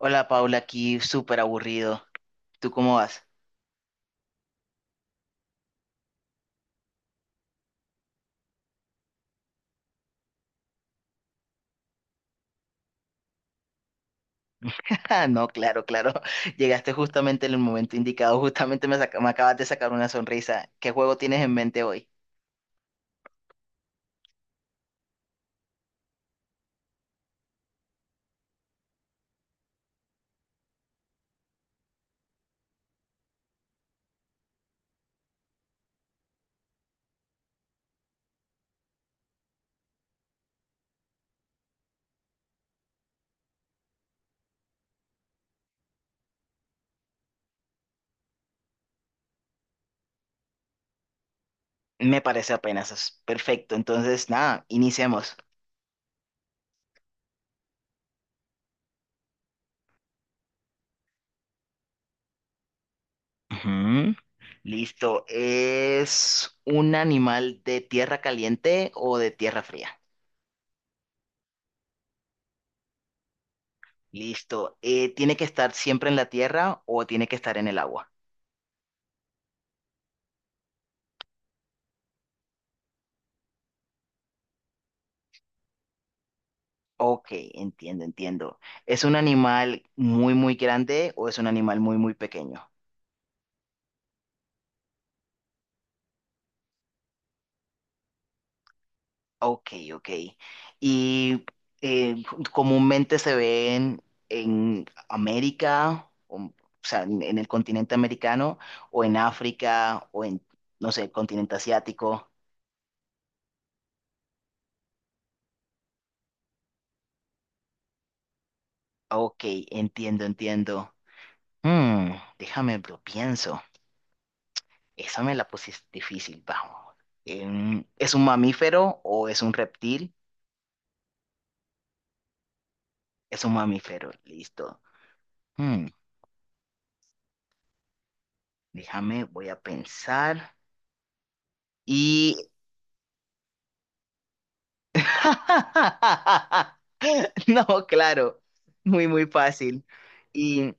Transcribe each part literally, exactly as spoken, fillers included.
Hola Paula, aquí súper aburrido. ¿Tú cómo vas? Ah, no, claro, claro. Llegaste justamente en el momento indicado. Justamente me, saca- me acabas de sacar una sonrisa. ¿Qué juego tienes en mente hoy? Me parece apenas es perfecto. Entonces, nada, iniciemos. Ujú. Listo. ¿Es un animal de tierra caliente o de tierra fría? Listo. Eh, ¿tiene que estar siempre en la tierra o tiene que estar en el agua? Ok, entiendo, entiendo. ¿Es un animal muy, muy grande o es un animal muy, muy pequeño? Ok, ok. ¿Y eh, comúnmente se ven en América, o, o sea, en, en el continente americano, o en África, o en, no sé, el continente asiático? Ok, entiendo, entiendo. Hmm, déjame, lo pienso. Esa me la pusiste difícil, vamos. Em, ¿es un mamífero o es un reptil? Es un mamífero, listo. Hmm, déjame, voy a pensar. Y... No, claro, muy, muy fácil. Y...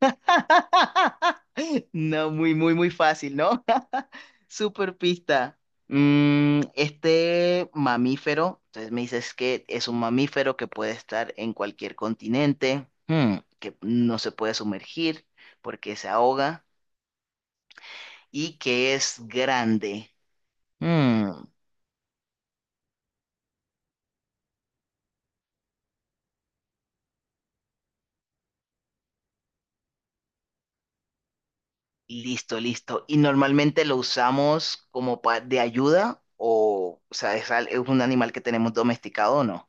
No, muy, muy, muy fácil, ¿no? Super pista. Mm, este mamífero, entonces me dices que es un mamífero que puede estar en cualquier continente. Hmm. Que no se puede sumergir porque se ahoga y que es grande. Mm, listo, listo. Y normalmente lo usamos como pa- de ayuda o, o sea, es, al- es un animal que tenemos domesticado o no.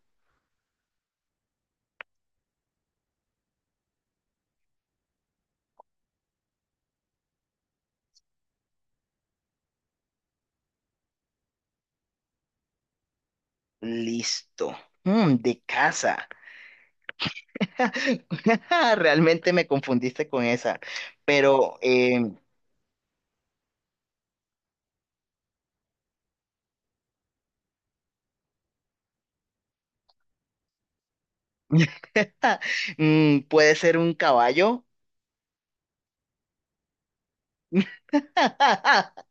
Listo. Mm, de casa. Realmente me confundiste con esa. Pero eh, mm, puede ser un caballo.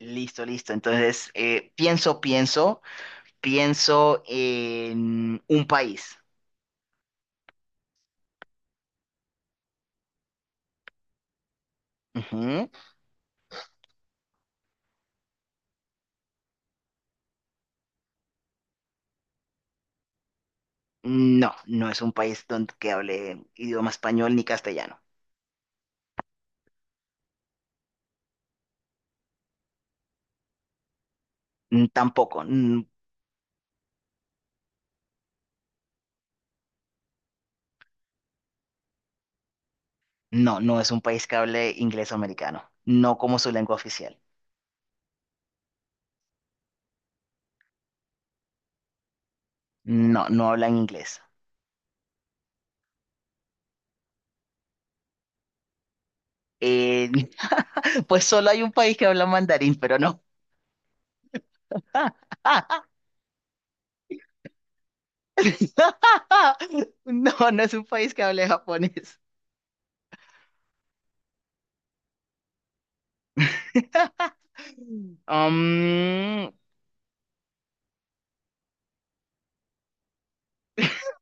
Listo, listo. Entonces, eh, pienso, pienso, pienso en un país. Ujú. No, no es un país donde que hable idioma español ni castellano. Mm, tampoco. Mm, no, no es un país que hable inglés o americano. No como su lengua oficial. No, no hablan inglés. Eh, pues solo hay un país que habla mandarín, pero no. No, no es un país que hable japonés. Um,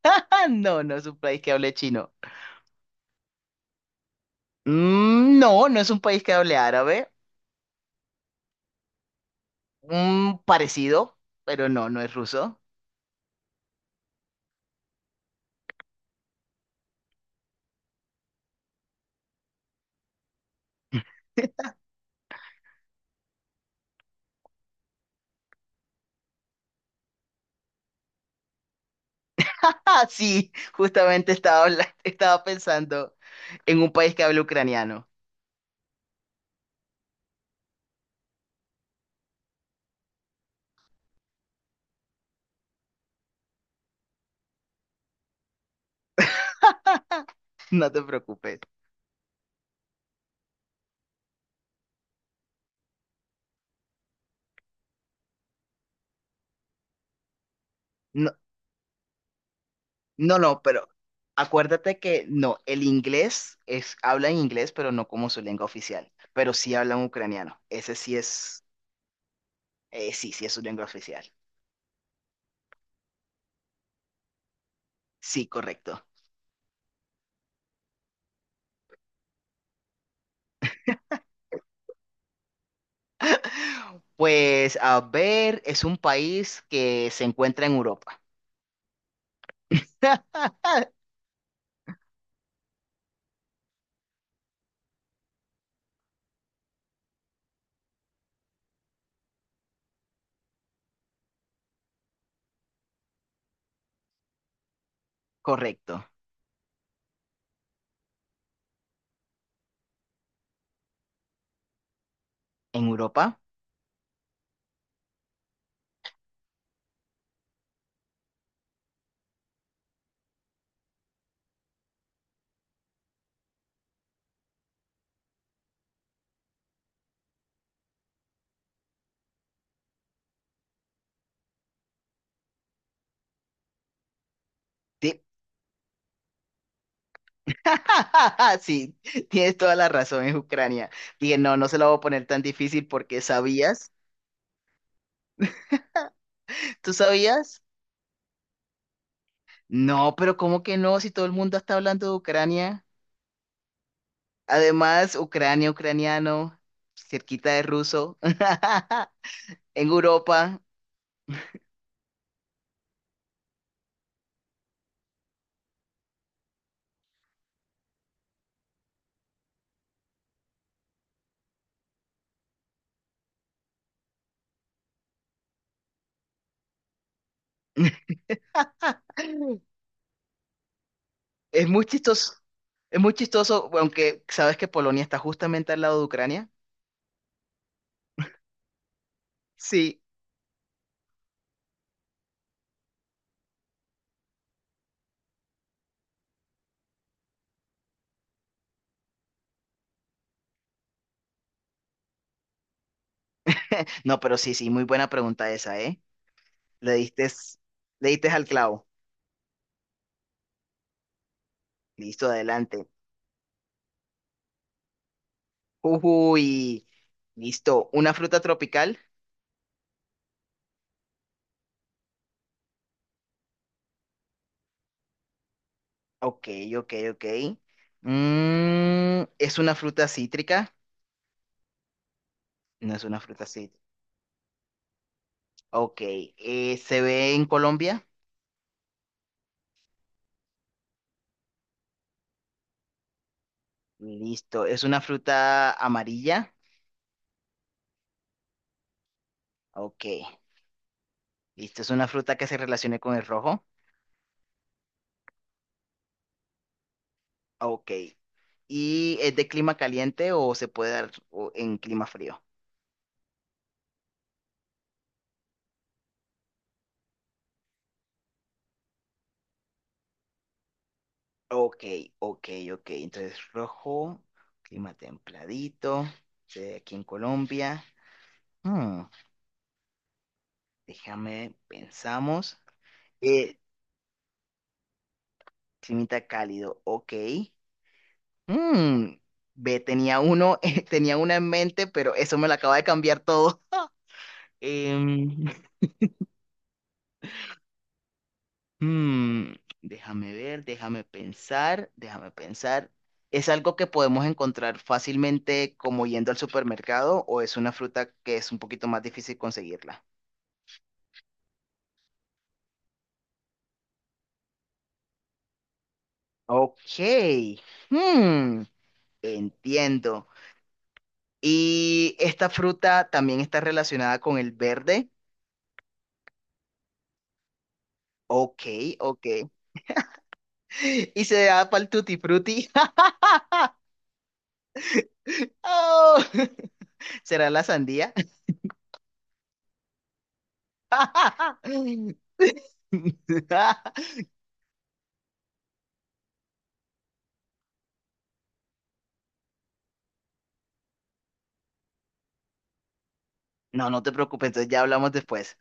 no, no es un país que hable chino. Mm, no, no es un país que hable árabe. Un parecido, pero no, no es ruso. Ah, sí, justamente estaba, habla- estaba pensando en un país que habla ucraniano. No te preocupes. No, no, no, pero acuérdate que no, el inglés es, hablan inglés, pero no como su lengua oficial. Pero sí hablan ucraniano. Ese sí es, eh, sí, sí es su lengua oficial. Sí, correcto. Pues a ver, es un país que se encuentra en Europa. Correcto. ¿En Europa? Sí, sí, tienes toda la razón, es Ucrania. Dije, no, no se la voy a poner tan difícil porque sabías. ¿Tú sabías? No, pero ¿cómo que no? Si todo el mundo está hablando de Ucrania. Además, Ucrania, ucraniano, cerquita de ruso, en Europa. Es muy chistoso. Es muy chistoso, aunque sabes que Polonia está justamente al lado de Ucrania. Sí. No, pero sí, sí, muy buena pregunta esa, ¿eh? Le diste, le diste al clavo. Listo, adelante. Uy, listo. ¿Una fruta tropical? Ok, ok, ok. Mm, ¿es una fruta cítrica? No es una fruta cítrica. Ok, eh, ¿se ve en Colombia? Listo. ¿Es una fruta amarilla? Ok, listo. ¿Es una fruta que se relacione con el rojo? Ok. ¿Y es de clima caliente o se puede dar o- en clima frío? Ok, ok, ok. Entonces, rojo, clima templadito, se ve aquí en Colombia. Hmm, déjame, pensamos. Eh, climita cálido, ok. Mm, ve, tenía uno, eh, tenía una en mente, pero eso me lo acaba de cambiar todo. Em, hmm, déjame ver, déjame pensar, déjame pensar. ¿Es algo que podemos encontrar fácilmente como yendo al supermercado o es una fruta que es un poquito más difícil conseguirla? Ok. Hmm, entiendo. Y esta fruta también está relacionada con el verde. Ok, ok. Y se da para el tutti frutti. ¡Oh! ¿Será la sandía? No, no te preocupes, entonces ya hablamos después.